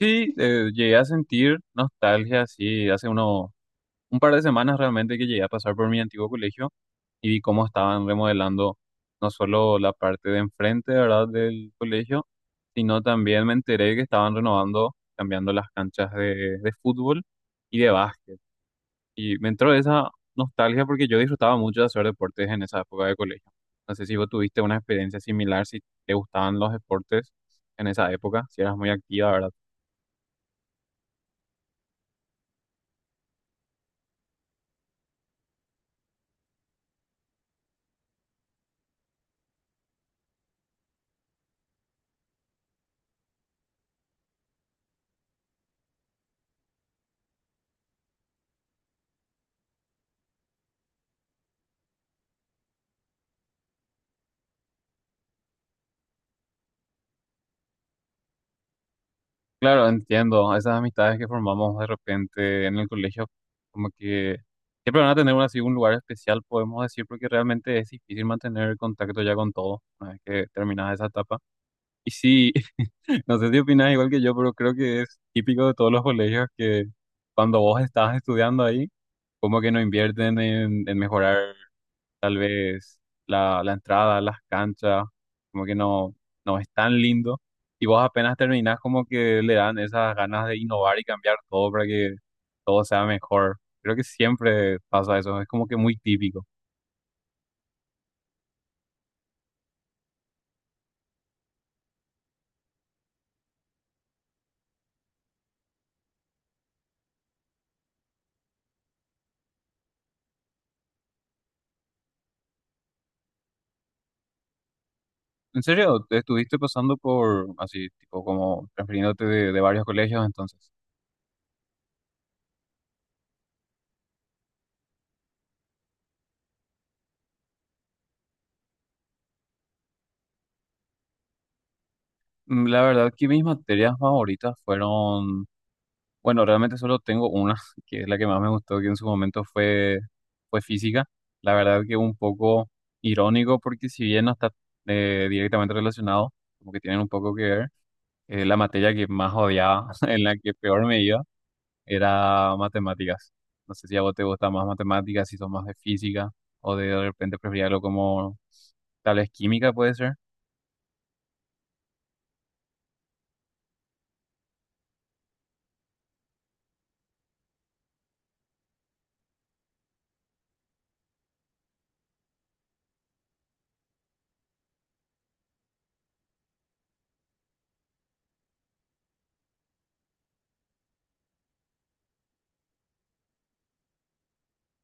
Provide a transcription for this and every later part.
Sí, llegué a sentir nostalgia, sí, hace un par de semanas realmente que llegué a pasar por mi antiguo colegio y vi cómo estaban remodelando no solo la parte de enfrente, ¿verdad?, del colegio, sino también me enteré que estaban renovando, cambiando las canchas de fútbol y de básquet. Y me entró esa nostalgia porque yo disfrutaba mucho de hacer deportes en esa época de colegio. No sé si vos tuviste una experiencia similar, si te gustaban los deportes en esa época, si eras muy activa, ¿verdad? Claro, entiendo. Esas amistades que formamos de repente en el colegio, como que siempre van a tener un, así, un lugar especial, podemos decir, porque realmente es difícil mantener el contacto ya con todos una vez que terminas esa etapa. Y sí, no sé si opinas igual que yo, pero creo que es típico de todos los colegios que cuando vos estás estudiando ahí, como que no invierten en mejorar. Tal vez la entrada, las canchas, como que no es tan lindo. Y vos apenas terminás, como que le dan esas ganas de innovar y cambiar todo para que todo sea mejor. Creo que siempre pasa eso, es como que muy típico. ¿En serio? ¿Te estuviste pasando por así, tipo como transfiriéndote de varios colegios entonces? La verdad que mis materias favoritas fueron. Bueno, realmente solo tengo una, que es la que más me gustó, que en su momento fue física. La verdad que un poco irónico, porque si bien no está, directamente relacionado, como que tienen un poco que ver, la materia que más odiaba, en la que peor me iba, era matemáticas. No sé si a vos te gusta más matemáticas, si sos más de física, o de repente preferís algo como tal vez química, puede ser.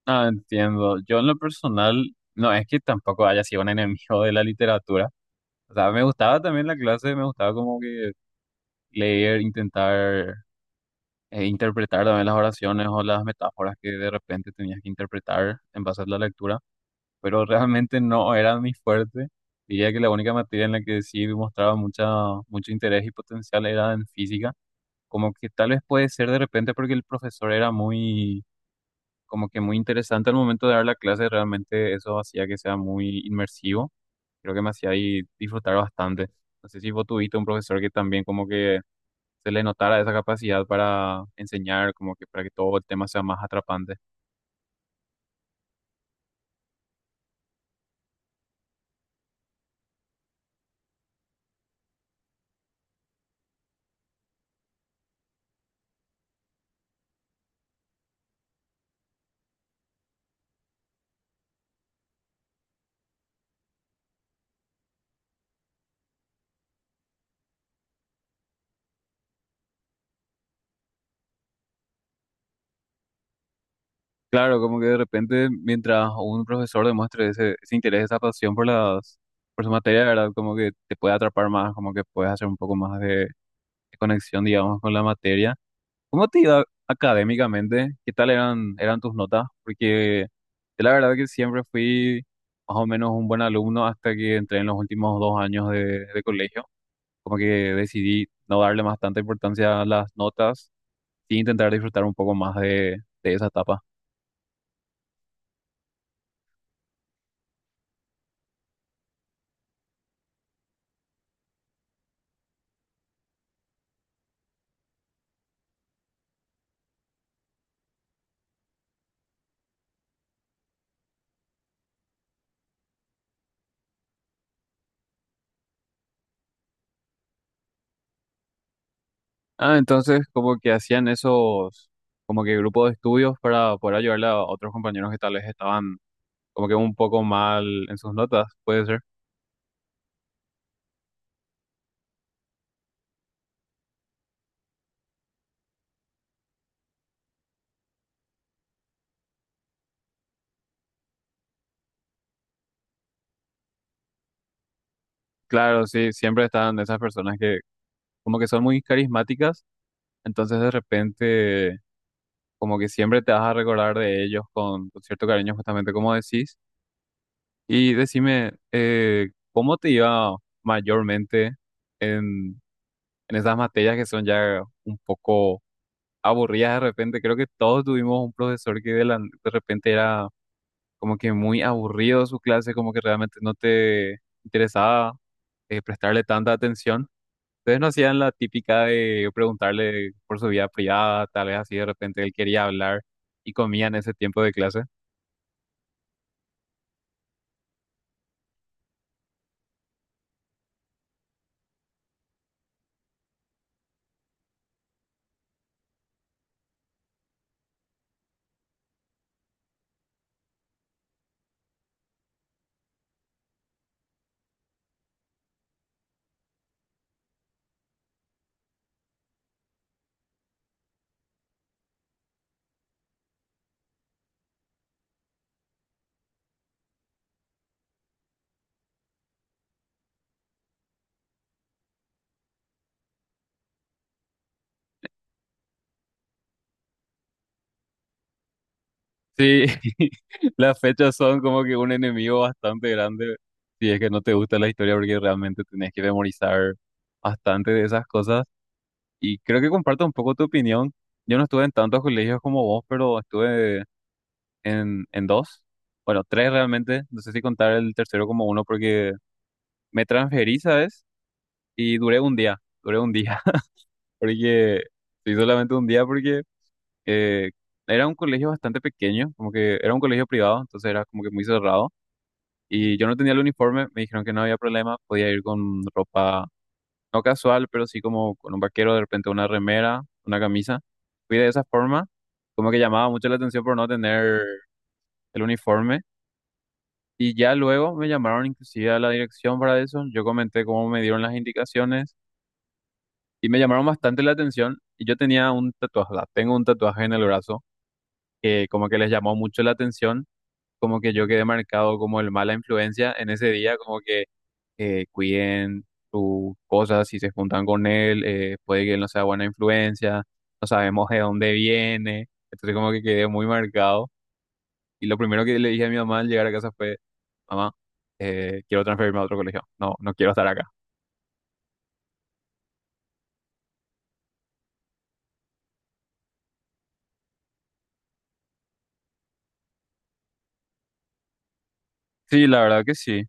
Ah, entiendo. Yo en lo personal, no es que tampoco haya sido un enemigo de la literatura. O sea, me gustaba también la clase, me gustaba como que leer, intentar interpretar también las oraciones o las metáforas que de repente tenías que interpretar en base a la lectura, pero realmente no era mi fuerte. Diría que la única materia en la que sí mostraba mucho interés y potencial era en física, como que tal vez puede ser de repente porque el profesor era muy, como que muy interesante al momento de dar la clase, realmente eso hacía que sea muy inmersivo. Creo que me hacía ahí disfrutar bastante. No sé si vos tuviste un profesor que también como que se le notara esa capacidad para enseñar, como que para que todo el tema sea más atrapante. Claro, como que de repente mientras un profesor demuestre ese, ese interés, esa pasión por las, por su materia, ¿verdad? Como que te puede atrapar más, como que puedes hacer un poco más de conexión, digamos, con la materia. ¿Cómo te iba académicamente? ¿Qué tal eran tus notas? Porque yo la verdad que siempre fui más o menos un buen alumno hasta que entré en los últimos 2 años de colegio. Como que decidí no darle más tanta importancia a las notas y intentar disfrutar un poco más de esa etapa. Ah, entonces como que hacían esos, como que grupos de estudios para poder ayudarle a otros compañeros que tal vez estaban como que un poco mal en sus notas, puede ser. Claro, sí, siempre están esas personas que como que son muy carismáticas, entonces de repente como que siempre te vas a recordar de ellos con cierto cariño, justamente como decís. Y decime, ¿cómo te iba mayormente en, en esas materias que son ya un poco aburridas de repente? Creo que todos tuvimos un profesor que de repente era como que muy aburrido su clase, como que realmente no te interesaba prestarle tanta atención. Ustedes no hacían la típica de preguntarle por su vida privada, tal vez así de repente él quería hablar y comían ese tiempo de clase. Sí, las fechas son como que un enemigo bastante grande si es que no te gusta la historia porque realmente tenés que memorizar bastante de esas cosas. Y creo que comparto un poco tu opinión. Yo no estuve en tantos colegios como vos, pero estuve en dos, bueno, tres realmente. No sé si contar el tercero como uno porque me transferí, ¿sabes? Y duré un día, porque sí, solamente un día porque eh, era un colegio bastante pequeño, como que era un colegio privado, entonces era como que muy cerrado. Y yo no tenía el uniforme, me dijeron que no había problema, podía ir con ropa no casual, pero sí como con un vaquero, de repente una remera, una camisa. Fui de esa forma, como que llamaba mucho la atención por no tener el uniforme. Y ya luego me llamaron inclusive a la dirección para eso, yo comenté cómo me dieron las indicaciones y me llamaron bastante la atención. Y yo tenía un tatuaje, va, tengo un tatuaje en el brazo que como que les llamó mucho la atención, como que yo quedé marcado como el mala influencia en ese día, como que cuiden sus cosas, si se juntan con él, puede que él no sea buena influencia, no sabemos de dónde viene, entonces como que quedé muy marcado. Y lo primero que le dije a mi mamá al llegar a casa fue, mamá, quiero transferirme a otro colegio, no, no quiero estar acá. Sí, la verdad que sí.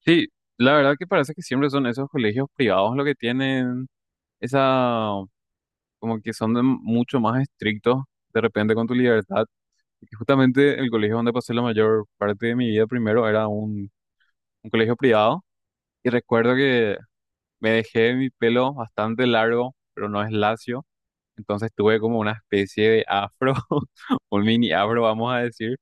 Sí, la verdad que parece que siempre son esos colegios privados los que tienen esa, como que son mucho más estrictos de repente con tu libertad. Porque justamente el colegio donde pasé la mayor parte de mi vida primero era un colegio privado y recuerdo que me dejé mi pelo bastante largo, pero no es lacio, entonces tuve como una especie de afro, un mini afro, vamos a decir.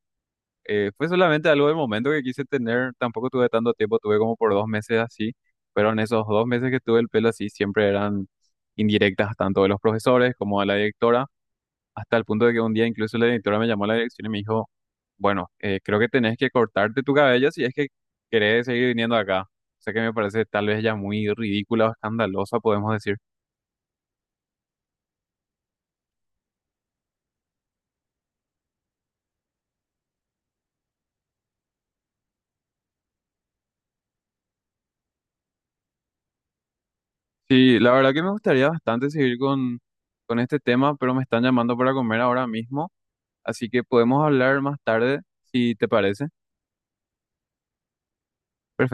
Fue solamente algo del momento que quise tener, tampoco tuve tanto tiempo, tuve como por 2 meses así, pero en esos 2 meses que tuve el pelo así siempre eran indirectas tanto de los profesores como de la directora, hasta el punto de que un día incluso la directora me llamó a la dirección y me dijo bueno, creo que tenés que cortarte tu cabello si es que querés seguir viniendo acá. O sea que me parece tal vez ya muy ridícula o escandalosa, podemos decir. Sí, la verdad que me gustaría bastante seguir con este tema, pero me están llamando para comer ahora mismo, así que podemos hablar más tarde, si te parece. Perfecto.